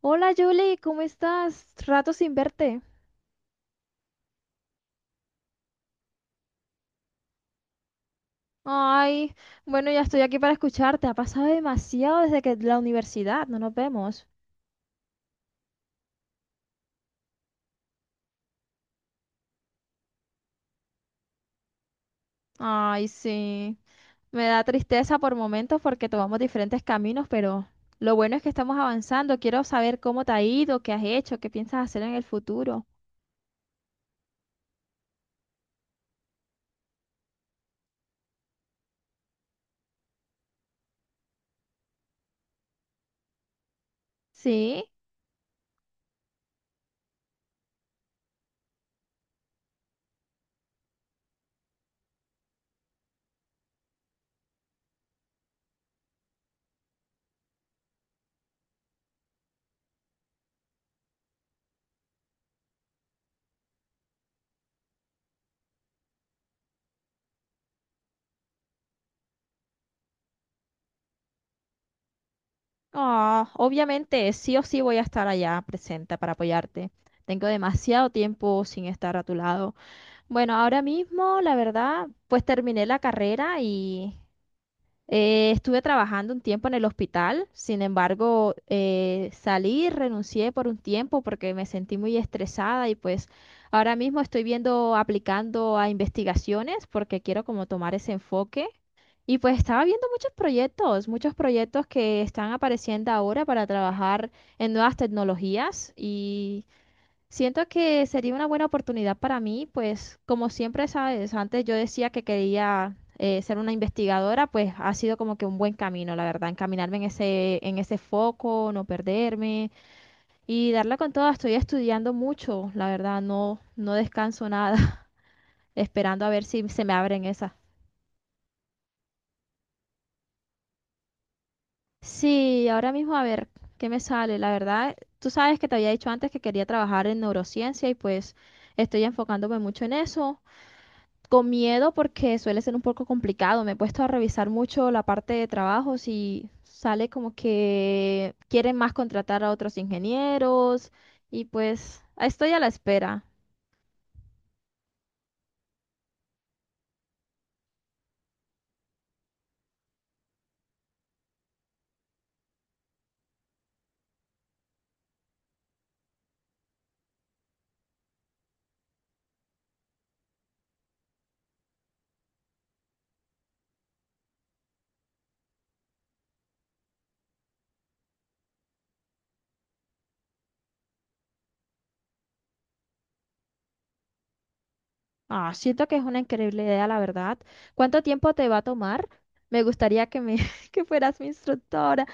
Hola Julie, ¿cómo estás? Rato sin verte. Ay, bueno, ya estoy aquí para escucharte. Ha pasado demasiado desde que la universidad, no nos vemos. Ay, sí. Me da tristeza por momentos porque tomamos diferentes caminos, pero lo bueno es que estamos avanzando. Quiero saber cómo te ha ido, qué has hecho, qué piensas hacer en el futuro. Sí. Ah, obviamente, sí o sí voy a estar allá presente para apoyarte. Tengo demasiado tiempo sin estar a tu lado. Bueno, ahora mismo, la verdad, pues terminé la carrera y estuve trabajando un tiempo en el hospital. Sin embargo, salí, renuncié por un tiempo porque me sentí muy estresada y pues ahora mismo estoy viendo, aplicando a investigaciones porque quiero como tomar ese enfoque. Y pues estaba viendo muchos proyectos que están apareciendo ahora para trabajar en nuevas tecnologías. Siento que sería una buena oportunidad para mí, pues como siempre sabes, antes yo decía que quería ser una investigadora, pues ha sido como que un buen camino, la verdad, encaminarme en ese foco, no perderme y darla con todo. Estoy estudiando mucho, la verdad, no descanso nada, esperando a ver si se me abren esas. Sí, ahora mismo a ver qué me sale. La verdad, tú sabes que te había dicho antes que quería trabajar en neurociencia y pues estoy enfocándome mucho en eso. Con miedo porque suele ser un poco complicado. Me he puesto a revisar mucho la parte de trabajos y sale como que quieren más contratar a otros ingenieros y pues estoy a la espera. Ah, siento que es una increíble idea, la verdad. ¿Cuánto tiempo te va a tomar? Me gustaría que me que fueras mi instructora.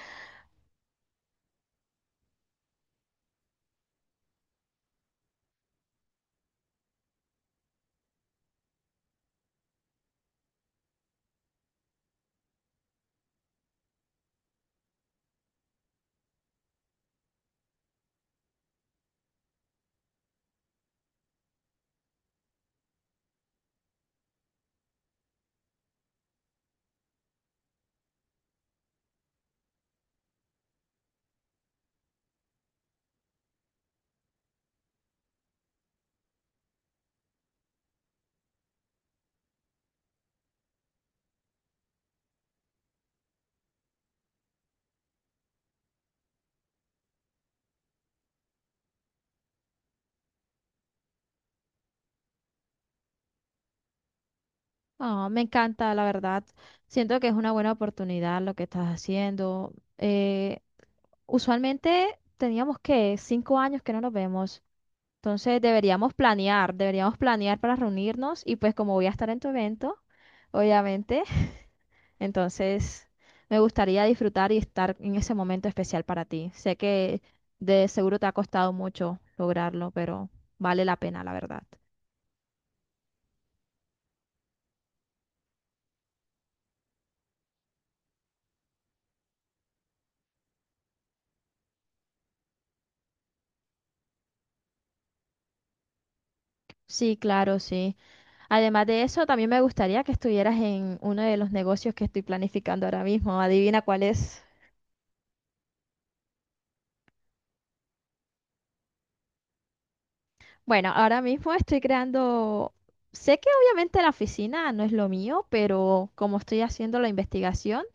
Ah, me encanta, la verdad. Siento que es una buena oportunidad lo que estás haciendo. Eh, usualmente teníamos que 5 años que no nos vemos. Entonces deberíamos planear para reunirnos y pues como voy a estar en tu evento, obviamente, entonces me gustaría disfrutar y estar en ese momento especial para ti. Sé que de seguro te ha costado mucho lograrlo, pero vale la pena, la verdad. Sí, claro, sí. Además de eso, también me gustaría que estuvieras en uno de los negocios que estoy planificando ahora mismo. Adivina cuál es. Bueno, ahora mismo estoy creando, sé que obviamente la oficina no es lo mío, pero como estoy haciendo la investigación,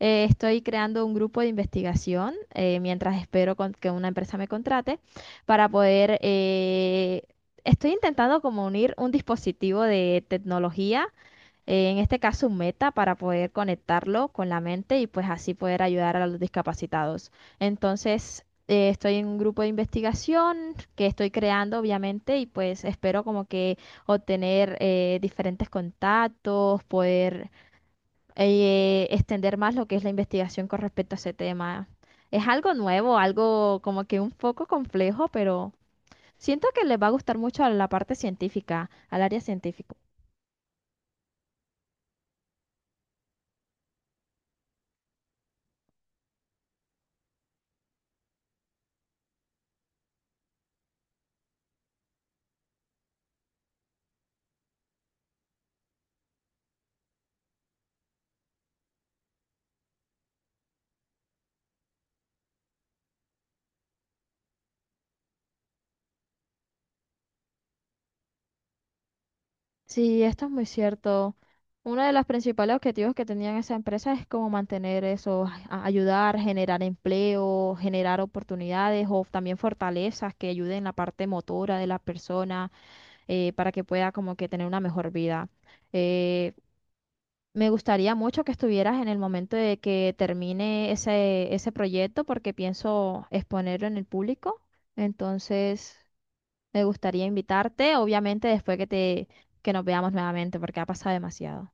estoy creando un grupo de investigación mientras espero que una empresa me contrate para poder, estoy intentando como unir un dispositivo de tecnología en este caso un meta para poder conectarlo con la mente y pues así poder ayudar a los discapacitados. Entonces, estoy en un grupo de investigación que estoy creando, obviamente, y pues espero como que obtener diferentes contactos, poder extender más lo que es la investigación con respecto a ese tema. Es algo nuevo, algo como que un poco complejo, pero siento que les va a gustar mucho a la parte científica, al área científica. Sí, esto es muy cierto. Uno de los principales objetivos que tenían esa empresa es como mantener eso, ayudar, generar empleo, generar oportunidades o también fortalezas que ayuden en la parte motora de la persona para que pueda como que tener una mejor vida. Eh, me gustaría mucho que estuvieras en el momento de que termine ese, ese proyecto porque pienso exponerlo en el público. Entonces... Me gustaría invitarte, obviamente después que te que nos veamos nuevamente, porque ha pasado demasiado.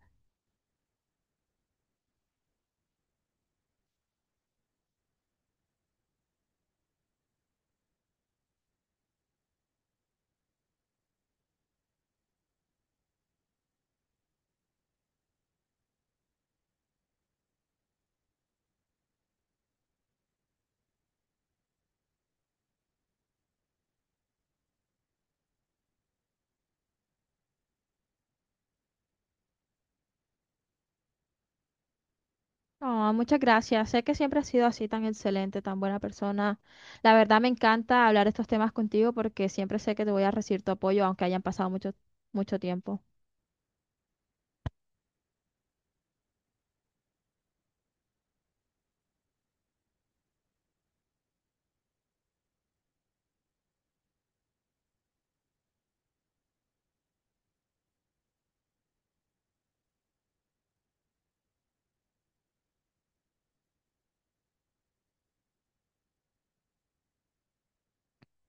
No, muchas gracias. Sé que siempre has sido así tan excelente, tan buena persona. La verdad me encanta hablar estos temas contigo porque siempre sé que te voy a recibir tu apoyo, aunque hayan pasado mucho, mucho tiempo.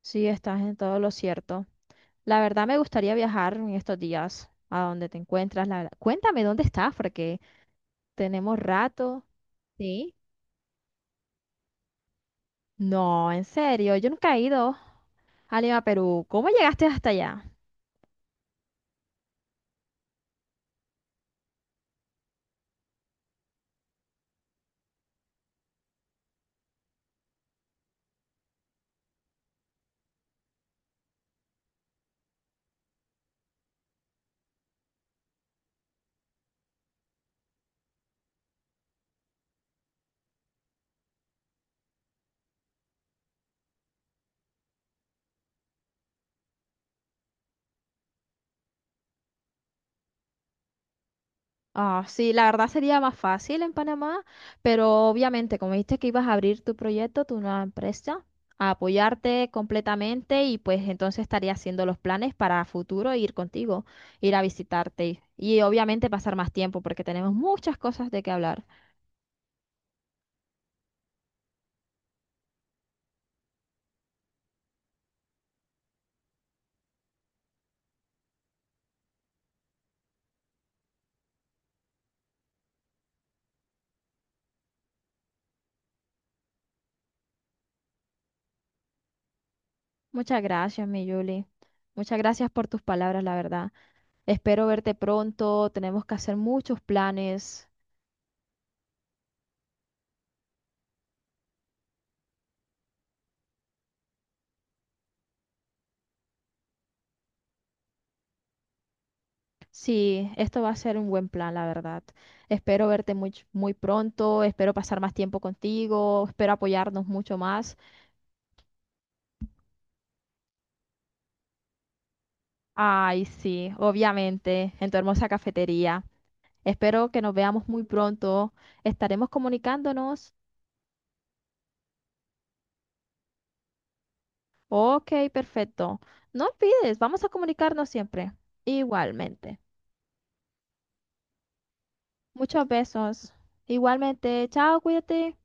Sí, estás en todo lo cierto. La verdad me gustaría viajar en estos días a donde te encuentras. La verdad. Cuéntame dónde estás, porque tenemos rato. Sí. No, en serio, yo nunca he ido a Lima, Perú. ¿Cómo llegaste hasta allá? Ah, sí, la verdad sería más fácil en Panamá, pero obviamente, como dijiste que ibas a abrir tu proyecto, tu nueva empresa, a apoyarte completamente y pues entonces estaría haciendo los planes para futuro e ir contigo, ir a visitarte y obviamente pasar más tiempo porque tenemos muchas cosas de qué hablar. Muchas gracias, mi Julie. Muchas gracias por tus palabras, la verdad. Espero verte pronto. Tenemos que hacer muchos planes. Sí, esto va a ser un buen plan, la verdad. Espero verte muy, muy pronto, espero pasar más tiempo contigo, espero apoyarnos mucho más. Ay, sí, obviamente, en tu hermosa cafetería. Espero que nos veamos muy pronto. Estaremos comunicándonos. Ok, perfecto. No olvides, vamos a comunicarnos siempre. Igualmente. Muchos besos. Igualmente. Chao, cuídate.